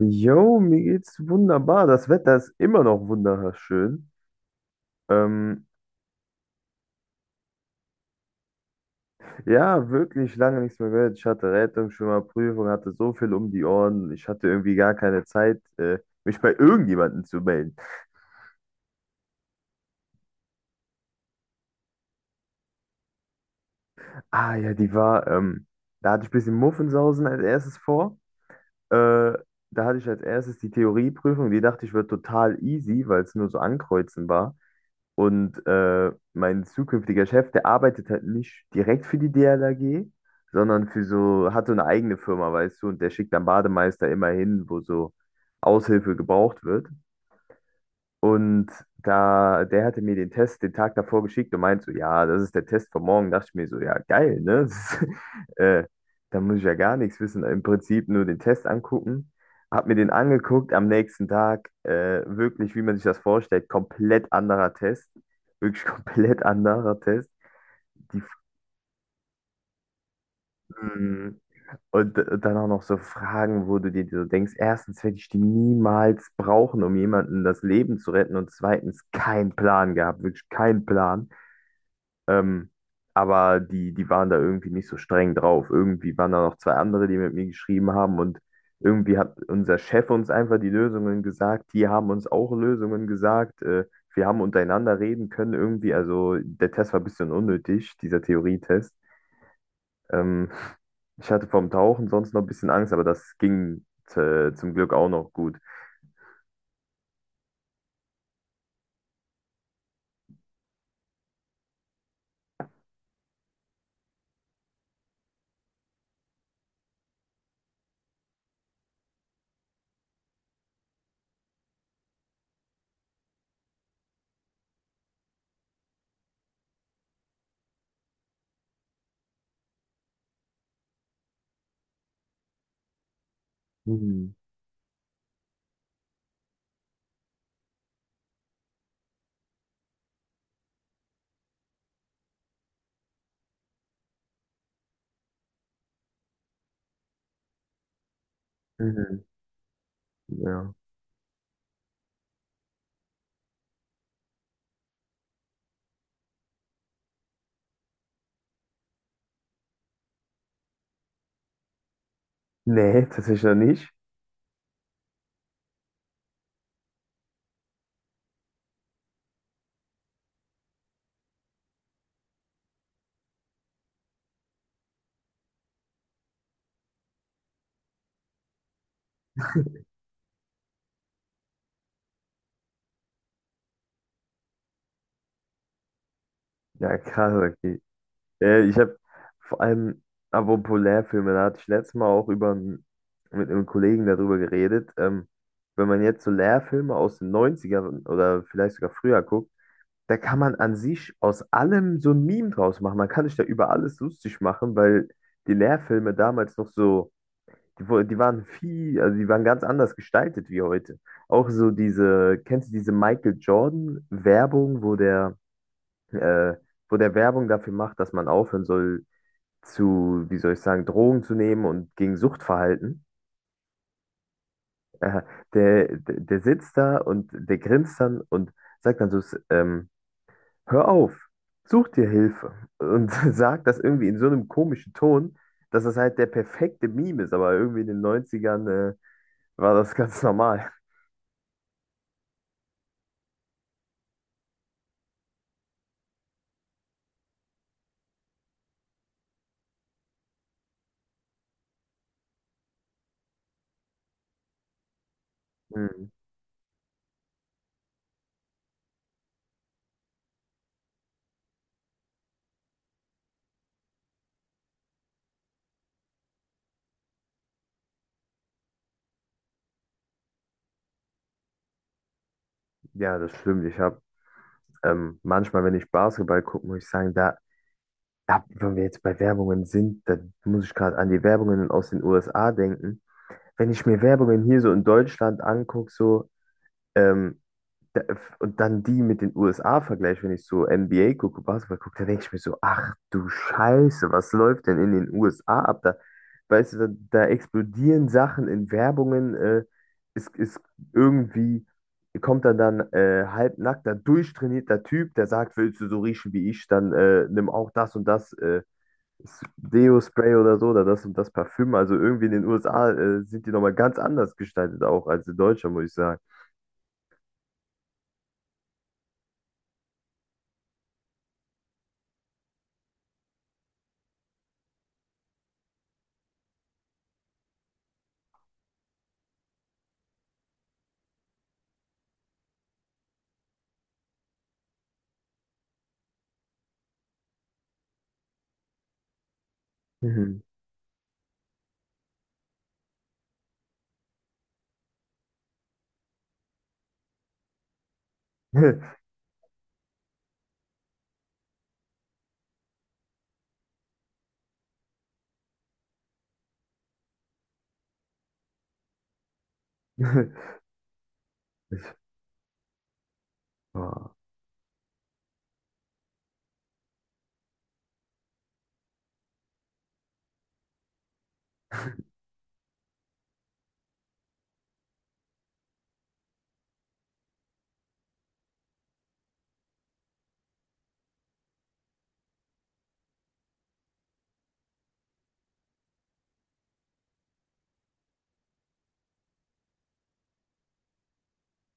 Jo, mir geht's wunderbar. Das Wetter ist immer noch wunderschön. Ähm, ja, wirklich lange nichts mehr gehört. Ich hatte Rettungsschwimmer, Prüfung, hatte so viel um die Ohren. Ich hatte irgendwie gar keine Zeit, mich bei irgendjemandem zu melden. Ah ja, die war, da hatte ich ein bisschen Muffensausen als erstes vor. Äh, Da hatte ich als erstes die Theorieprüfung. Die dachte ich, wird total easy, weil es nur so ankreuzen war. Und mein zukünftiger Chef, der arbeitet halt nicht direkt für die DLRG, sondern für so, hat so eine eigene Firma, weißt du, und der schickt dann Bademeister immer hin, wo so Aushilfe gebraucht wird. Und da, der hatte mir den Test den Tag davor geschickt und meinte so, ja, das ist der Test von morgen. Dachte ich mir so, ja, geil, ne? Das ist, da muss ich ja gar nichts wissen. Im Prinzip nur den Test angucken. Hab mir den angeguckt am nächsten Tag. Wirklich, wie man sich das vorstellt, komplett anderer Test. Wirklich komplett anderer Test. Die, mm, Dann auch noch so Fragen, wo du dir so denkst, erstens werde ich die niemals brauchen, um jemanden das Leben zu retten und zweitens keinen Plan gehabt, wirklich keinen Plan. Ähm, aber die waren da irgendwie nicht so streng drauf. Irgendwie waren da noch zwei andere, die mit mir geschrieben haben und irgendwie hat unser Chef uns einfach die Lösungen gesagt, die haben uns auch Lösungen gesagt. Wir haben untereinander reden können irgendwie. Also der Test war ein bisschen unnötig, dieser Theorietest. Ähm, Ich hatte vom Tauchen sonst noch ein bisschen Angst, aber das ging zum Glück auch noch gut. Mhm. Mhm. Ja. Nee, tatsächlich noch nicht. Ja, krass, okay. Ich habe vor allem apropos Lehrfilme, da hatte ich letztes Mal auch mit einem Kollegen darüber geredet. Wenn man jetzt so Lehrfilme aus den Neunzigern oder vielleicht sogar früher guckt, da kann man an sich aus allem so ein Meme draus machen. Man kann sich da über alles lustig machen, weil die Lehrfilme damals noch so. Die waren viel, also die waren ganz anders gestaltet wie heute. Auch so diese, kennst du diese Michael Jordan-Werbung, äh, wo der Werbung dafür macht, dass man aufhören soll zu, wie soll ich sagen, Drogen zu nehmen und gegen Suchtverhalten? Äh, der sitzt da und der grinst dann und sagt dann so, hör auf, such dir Hilfe. Und sagt das irgendwie in so einem komischen Ton, dass das halt der perfekte Meme ist, aber irgendwie in den Neunzigern war das ganz normal. Hm, ja, das stimmt. Ich habe manchmal, wenn ich Basketball gucke, muss ich sagen, da, da, wenn wir jetzt bei Werbungen sind, da muss ich gerade an die Werbungen aus den USA denken. Wenn ich mir Werbungen hier so in Deutschland angucke, so ähm, Da- und dann die mit den USA vergleiche, wenn ich so NBA gucke, Basketball gucke, da denke ich mir so, ach du Scheiße, was läuft denn in den USA ab? Da, weißt du, da, da explodieren Sachen in Werbungen, ist, ist irgendwie, kommt dann halbnackter, durchtrainierter Typ, der sagt, willst du so riechen wie ich, dann nimm auch das und das Deo-Spray oder so, oder das und das Parfüm. Also irgendwie in den USA sind die nochmal ganz anders gestaltet auch als in Deutschland, muss ich sagen. Mhm. Ich, war-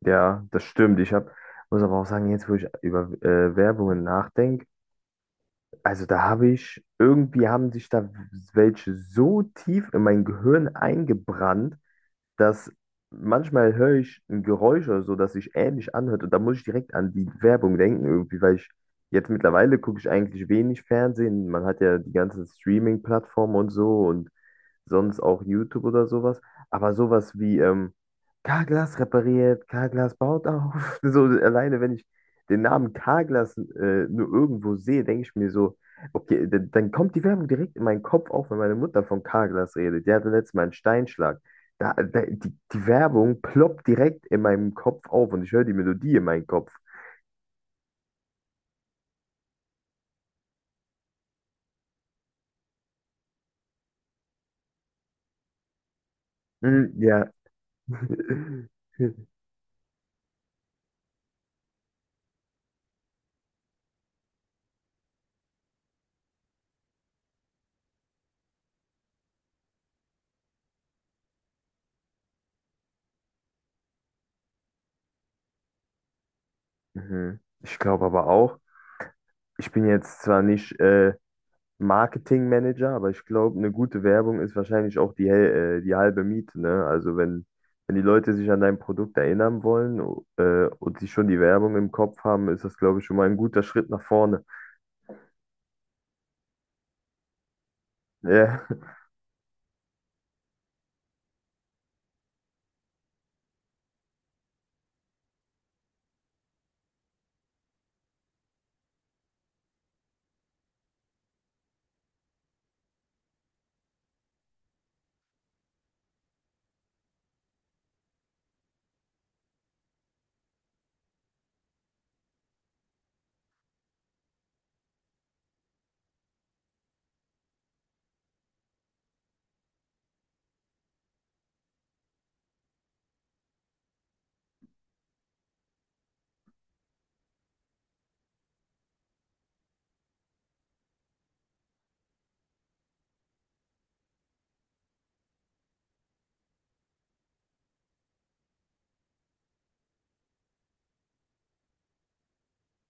ja, das stimmt. Ich hab, muss aber auch sagen, jetzt, wo ich über Werbungen nachdenke, also da habe ich, irgendwie haben sich da welche so tief in mein Gehirn eingebrannt, dass manchmal höre ich ein Geräusch oder so, das sich ähnlich anhört und da muss ich direkt an die Werbung denken irgendwie, weil ich jetzt mittlerweile gucke ich eigentlich wenig Fernsehen. Man hat ja die ganzen Streaming-Plattformen und so und sonst auch YouTube oder sowas. Aber sowas wie K-Glas repariert, K-Glas baut auf. So alleine, wenn ich den Namen K-Glas nur irgendwo sehe, denke ich mir so, okay, dann kommt die Werbung direkt in meinen Kopf auf, wenn meine Mutter von K-Glas redet. Die hatte letztes Mal einen Steinschlag. Da, da, die Werbung ploppt direkt in meinem Kopf auf und ich höre die Melodie in meinem Kopf. Hm, ja. Mhm. Ich glaube aber auch, ich bin jetzt zwar nicht Marketingmanager, aber ich glaube, eine gute Werbung ist wahrscheinlich auch die halbe Miete, ne? Also wenn, wenn die Leute sich an dein Produkt erinnern wollen, und sie schon die Werbung im Kopf haben, ist das, glaube ich, schon mal ein guter Schritt nach vorne. Ja,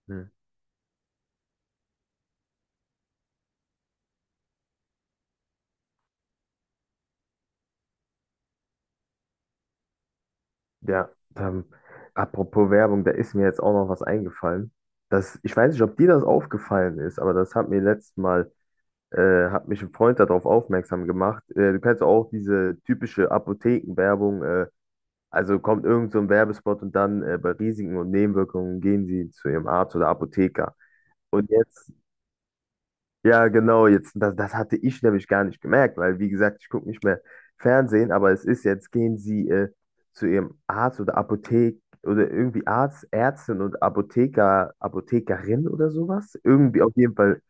hm, ja. Ähm, Apropos Werbung, da ist mir jetzt auch noch was eingefallen. Das, ich weiß nicht, ob dir das aufgefallen ist, aber das hat mir letztes Mal, hat mich ein Freund darauf aufmerksam gemacht. Du kennst auch diese typische Apothekenwerbung, also kommt irgend so ein Werbespot und dann bei Risiken und Nebenwirkungen gehen Sie zu Ihrem Arzt oder Apotheker. Und jetzt, ja genau, jetzt, das, das hatte ich nämlich gar nicht gemerkt, weil wie gesagt, ich gucke nicht mehr Fernsehen, aber es ist jetzt, gehen Sie zu Ihrem Arzt oder Apothek oder irgendwie Arzt, Ärztin und Apotheker, Apothekerin oder sowas. Irgendwie auf jeden Fall.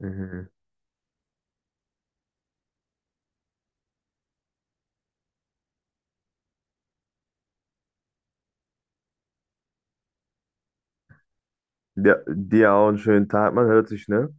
Mhm. Ja, dir auch einen schönen Tag, man hört sich, ne?